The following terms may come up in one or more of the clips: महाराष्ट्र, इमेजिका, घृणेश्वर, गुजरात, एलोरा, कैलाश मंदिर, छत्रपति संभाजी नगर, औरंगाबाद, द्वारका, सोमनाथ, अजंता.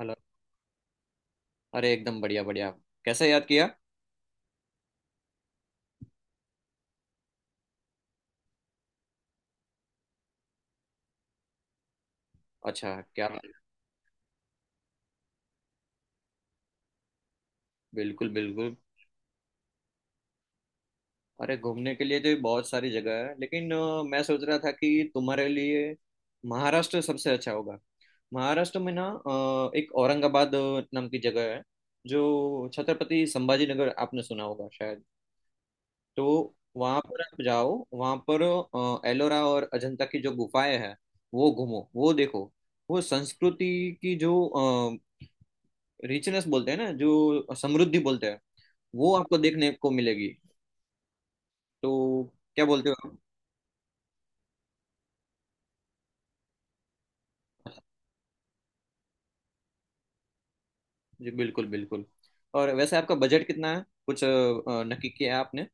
Hello. अरे एकदम बढ़िया बढ़िया। कैसे याद किया। अच्छा क्या। बिल्कुल बिल्कुल। अरे घूमने के लिए तो बहुत सारी जगह है लेकिन मैं सोच रहा था कि तुम्हारे लिए महाराष्ट्र सबसे अच्छा होगा। महाराष्ट्र में ना एक औरंगाबाद नाम की जगह है जो छत्रपति संभाजी नगर आपने सुना होगा शायद। तो वहाँ पर आप जाओ, वहाँ पर एलोरा और अजंता की जो गुफाएं हैं वो घूमो वो देखो। वो संस्कृति की जो रिचनेस बोलते हैं ना, जो समृद्धि बोलते हैं वो आपको देखने को मिलेगी। तो क्या बोलते हो आप? जी बिल्कुल बिल्कुल। और वैसे आपका बजट कितना है, कुछ नक्की किया है आपने?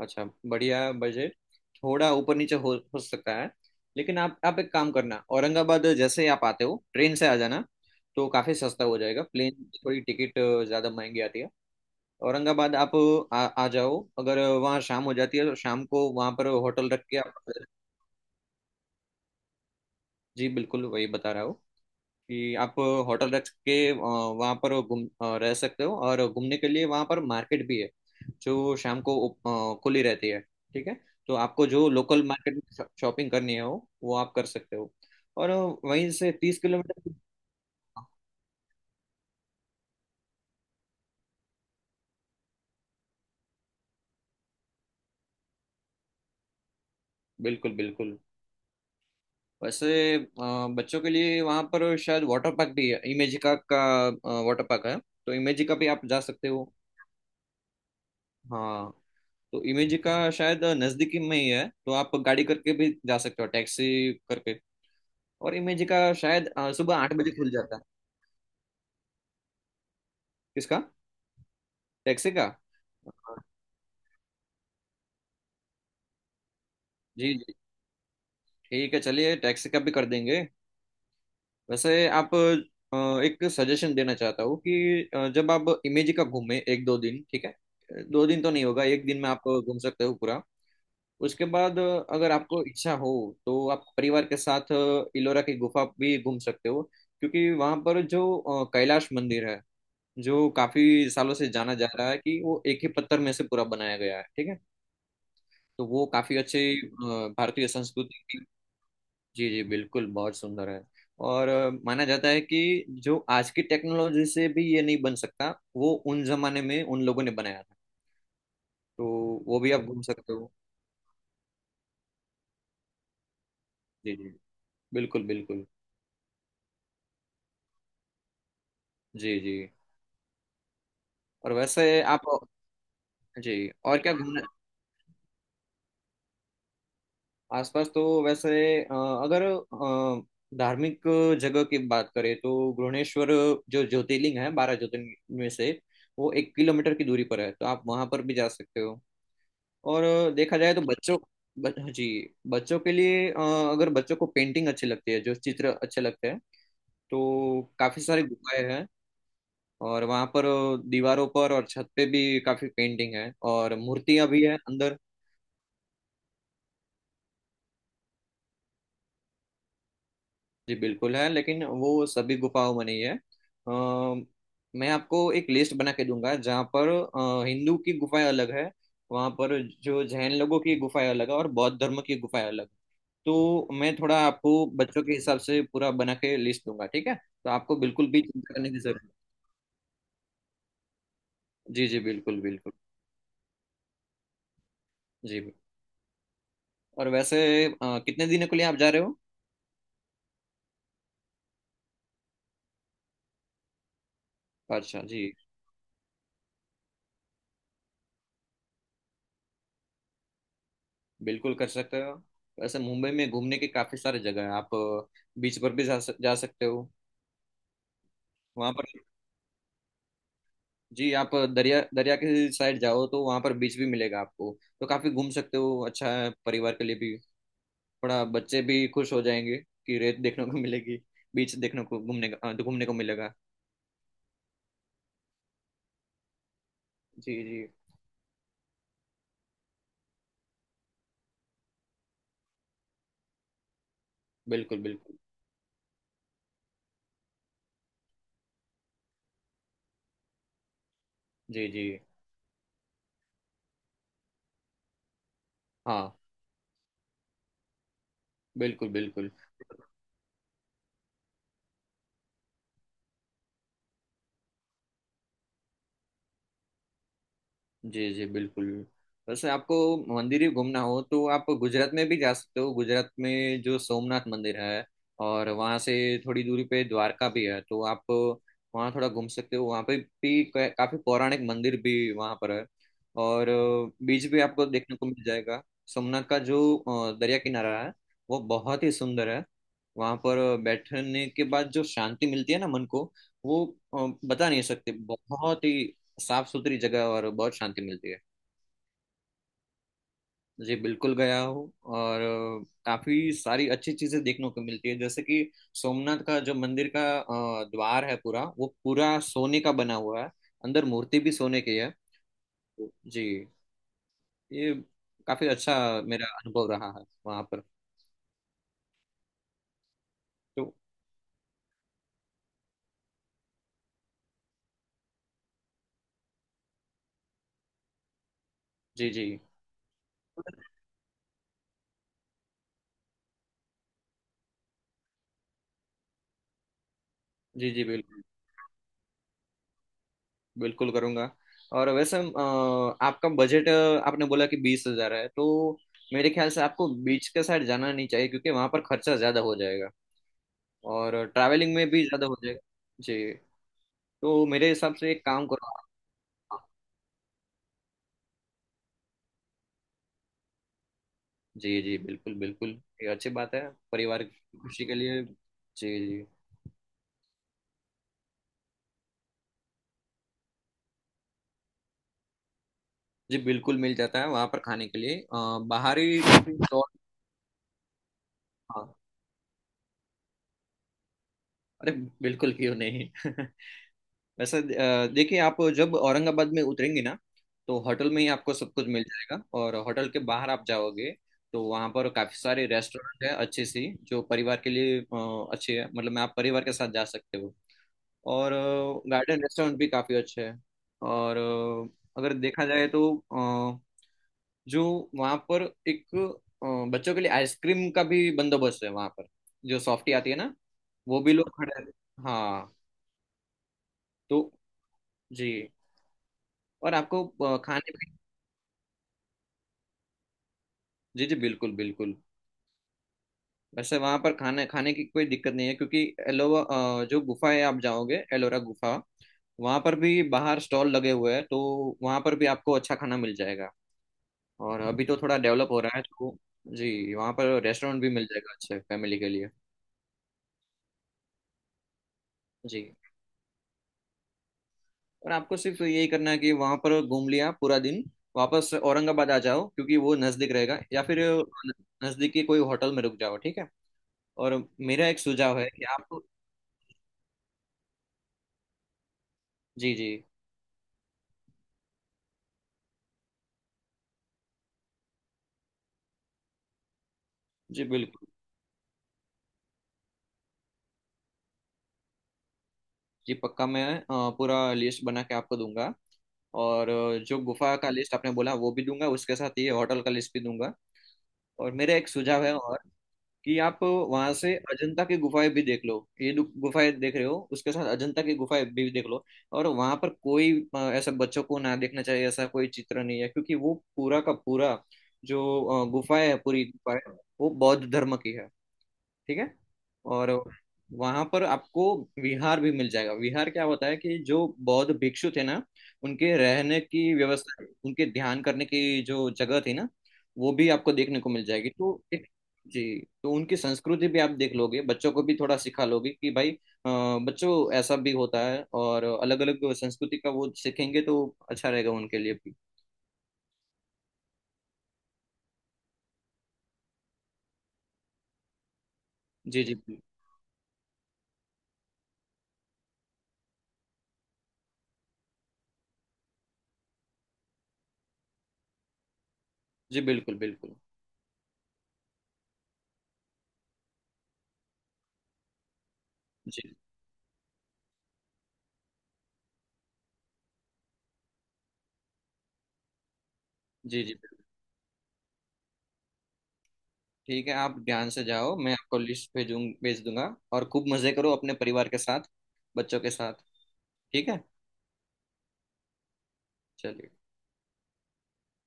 अच्छा, बढ़िया बजट। थोड़ा ऊपर नीचे हो सकता है। लेकिन आप एक काम करना, औरंगाबाद जैसे ही आप आते हो ट्रेन से आ जाना तो काफ़ी सस्ता हो जाएगा, प्लेन की थोड़ी टिकट ज़्यादा महंगी आती है। औरंगाबाद आप आ जाओ, अगर वहाँ शाम हो जाती है तो शाम को वहाँ पर होटल रख के आप। जी बिल्कुल वही बता रहा हूँ कि आप होटल रख के वहाँ पर रह सकते हो और घूमने के लिए वहाँ पर मार्केट भी है जो शाम को खुली रहती है। ठीक है। तो आपको जो लोकल मार्केट में शॉपिंग करनी है वो आप कर सकते हो। और वहीं से 30 किलोमीटर। बिल्कुल बिल्कुल। वैसे बच्चों के लिए वहाँ पर शायद वाटर पार्क भी है, इमेजिका का। वाटर पार्क है। तो इमेजिका भी आप जा सकते हो। हाँ। तो इमेजिका शायद नज़दीकी में ही है, तो आप गाड़ी करके भी जा सकते हो, टैक्सी करके। और इमेज का शायद सुबह 8 बजे खुल जाता है। किसका? टैक्सी का। अ, जी जी। ठीक है, चलिए टैक्सी का भी कर देंगे। वैसे आप एक सजेशन देना चाहता हूँ कि जब आप इमेज का घूमें एक दो दिन, ठीक है। 2 दिन तो नहीं होगा, एक दिन में आप घूम सकते हो पूरा। उसके बाद अगर आपको इच्छा हो तो आप परिवार के साथ इलोरा की गुफा भी घूम सकते हो, क्योंकि वहां पर जो कैलाश मंदिर है, जो काफी सालों से जाना जा रहा है कि वो एक ही पत्थर में से पूरा बनाया गया है। ठीक है। तो वो काफी अच्छी भारतीय संस्कृति की। जी जी बिल्कुल बहुत सुंदर है। और माना जाता है कि जो आज की टेक्नोलॉजी से भी ये नहीं बन सकता वो उन जमाने में उन लोगों ने बनाया था। तो वो भी आप घूम सकते हो। जी जी बिल्कुल बिल्कुल। जी जी। और वैसे आप। जी। और क्या घूमना। आसपास तो वैसे अ, अगर धार्मिक जगह की बात करें तो घृणेश्वर, जो ज्योतिर्लिंग है 12 ज्योतिर्लिंग में से, वो 1 किलोमीटर की दूरी पर है, तो आप वहां पर भी जा सकते हो। और देखा जाए तो बच्चों, जी बच्चों के लिए अगर बच्चों को पेंटिंग अच्छी लगती है, जो चित्र अच्छे लगते हैं, तो काफ़ी सारी गुफाएं हैं। और वहाँ पर दीवारों पर और छत पे भी काफ़ी पेंटिंग है और मूर्तियाँ भी हैं अंदर। जी बिल्कुल है, लेकिन वो सभी गुफाओं में नहीं है। अ, मैं आपको एक लिस्ट बना के दूंगा जहाँ पर हिंदू की गुफाएं अलग है, वहाँ पर जो जैन लोगों की गुफाएं अलग है, और बौद्ध धर्म की गुफाएं अलग है। तो मैं थोड़ा आपको बच्चों के हिसाब से पूरा बना के लिस्ट दूंगा, ठीक है, तो आपको बिल्कुल भी चिंता करने की जरूरत नहीं। जी जी बिल्कुल बिल्कुल। जी। और वैसे कितने दिनों के लिए आप जा रहे हो? अच्छा जी। बिल्कुल कर सकते हो। वैसे मुंबई में घूमने के काफी सारे जगह है, आप बीच पर भी जा सकते हो वहां पर। जी, आप दरिया दरिया के साइड जाओ तो वहां पर बीच भी मिलेगा आपको, तो काफी घूम सकते हो, अच्छा है परिवार के लिए भी। थोड़ा बच्चे भी खुश हो जाएंगे कि रेत देखने को मिलेगी, बीच देखने को, घूमने को मिलेगा। जी जी बिल्कुल बिल्कुल। जी जी। हाँ बिल्कुल बिल्कुल। जी जी बिल्कुल। वैसे आपको मंदिर ही घूमना हो तो आप गुजरात में भी जा सकते हो, गुजरात में जो सोमनाथ मंदिर है, और वहाँ से थोड़ी दूरी पे द्वारका भी है, तो आप वहाँ थोड़ा घूम सकते हो, वहाँ पे भी काफी पौराणिक मंदिर भी वहाँ पर है और बीच भी आपको देखने को मिल जाएगा। सोमनाथ का जो दरिया किनारा है वो बहुत ही सुंदर है। वहाँ पर बैठने के बाद जो शांति मिलती है ना मन को, वो बता नहीं सकते, बहुत ही साफ सुथरी जगह और बहुत शांति मिलती है। जी बिल्कुल गया हूँ, और काफी सारी अच्छी चीजें देखने को मिलती है, जैसे कि सोमनाथ का जो मंदिर का द्वार है पूरा, वो पूरा सोने का बना हुआ है, अंदर मूर्ति भी सोने की है। जी। ये काफी अच्छा मेरा अनुभव रहा है वहां पर। तो जी जी। जी जी बिल्कुल बिल्कुल करूंगा। और वैसे आपका बजट आपने बोला कि 20 हजार है, तो मेरे ख्याल से आपको बीच के साइड जाना नहीं चाहिए क्योंकि वहां पर खर्चा ज्यादा हो जाएगा और ट्रैवलिंग में भी ज़्यादा हो जाएगा। जी। तो मेरे हिसाब से एक काम करो आप। जी जी बिल्कुल बिल्कुल। ये अच्छी बात है, परिवार की खुशी के लिए। जी जी। जी बिल्कुल मिल जाता है वहाँ पर खाने के लिए, बाहरी स्टॉल। हाँ अरे बिल्कुल क्यों नहीं वैसे देखिए आप जब औरंगाबाद में उतरेंगे ना तो होटल में ही आपको सब कुछ मिल जाएगा, और होटल के बाहर आप जाओगे तो वहाँ पर काफ़ी सारे रेस्टोरेंट है, अच्छी सी जो परिवार के लिए अच्छी है, मतलब, मैं आप परिवार के साथ जा सकते हो। और गार्डन रेस्टोरेंट भी काफ़ी अच्छे हैं। और अगर देखा जाए तो जो वहाँ पर एक बच्चों के लिए आइसक्रीम का भी बंदोबस्त है वहाँ पर, जो सॉफ्टी आती है ना, वो भी लोग खड़े। हाँ। तो जी। और आपको खाने में। जी जी बिल्कुल बिल्कुल। वैसे वहाँ पर खाने खाने की कोई दिक्कत नहीं है, क्योंकि एलोवा जो गुफा है आप जाओगे एलोरा गुफा, वहाँ पर भी बाहर स्टॉल लगे हुए हैं तो वहाँ पर भी आपको अच्छा खाना मिल जाएगा। और अभी तो थोड़ा डेवलप हो रहा है तो जी वहाँ पर रेस्टोरेंट भी मिल जाएगा अच्छे फैमिली के लिए। जी। और आपको सिर्फ यही करना है कि वहाँ पर घूम लिया पूरा दिन, वापस औरंगाबाद आ जाओ क्योंकि वो नज़दीक रहेगा, या फिर नज़दीकी कोई होटल में रुक जाओ। ठीक है। और मेरा एक सुझाव है कि आप। जी जी जी बिल्कुल। जी पक्का मैं पूरा लिस्ट बना के आपको दूंगा, और जो गुफा का लिस्ट आपने बोला वो भी दूंगा, उसके साथ ये होटल का लिस्ट भी दूंगा। और मेरा एक सुझाव है कि आप वहां से अजंता की गुफाएं भी देख लो, ये गुफाएं देख रहे हो उसके साथ अजंता की गुफाएं भी देख लो। और वहां पर कोई ऐसा बच्चों को ना देखना चाहिए ऐसा कोई चित्र नहीं है, क्योंकि वो पूरा का पूरा जो गुफाएं है, पूरी गुफाएं वो बौद्ध धर्म की है। ठीक है। और वहां पर आपको विहार भी मिल जाएगा। विहार क्या होता है कि जो बौद्ध भिक्षु थे ना, उनके रहने की व्यवस्था, उनके ध्यान करने की जो जगह थी ना, वो भी आपको देखने को मिल जाएगी, तो एक। जी। तो उनकी संस्कृति भी आप देख लोगे, बच्चों को भी थोड़ा सिखा लोगे कि भाई बच्चों ऐसा भी होता है, और अलग अलग संस्कृति का वो सीखेंगे तो अच्छा रहेगा उनके लिए भी। जी जी जी बिल्कुल बिल्कुल। जी जी जी बिल्कुल। ठीक है आप ध्यान से जाओ, मैं आपको लिस्ट भेज दूंगा और खूब मजे करो अपने परिवार के साथ बच्चों के साथ। ठीक है चलिए।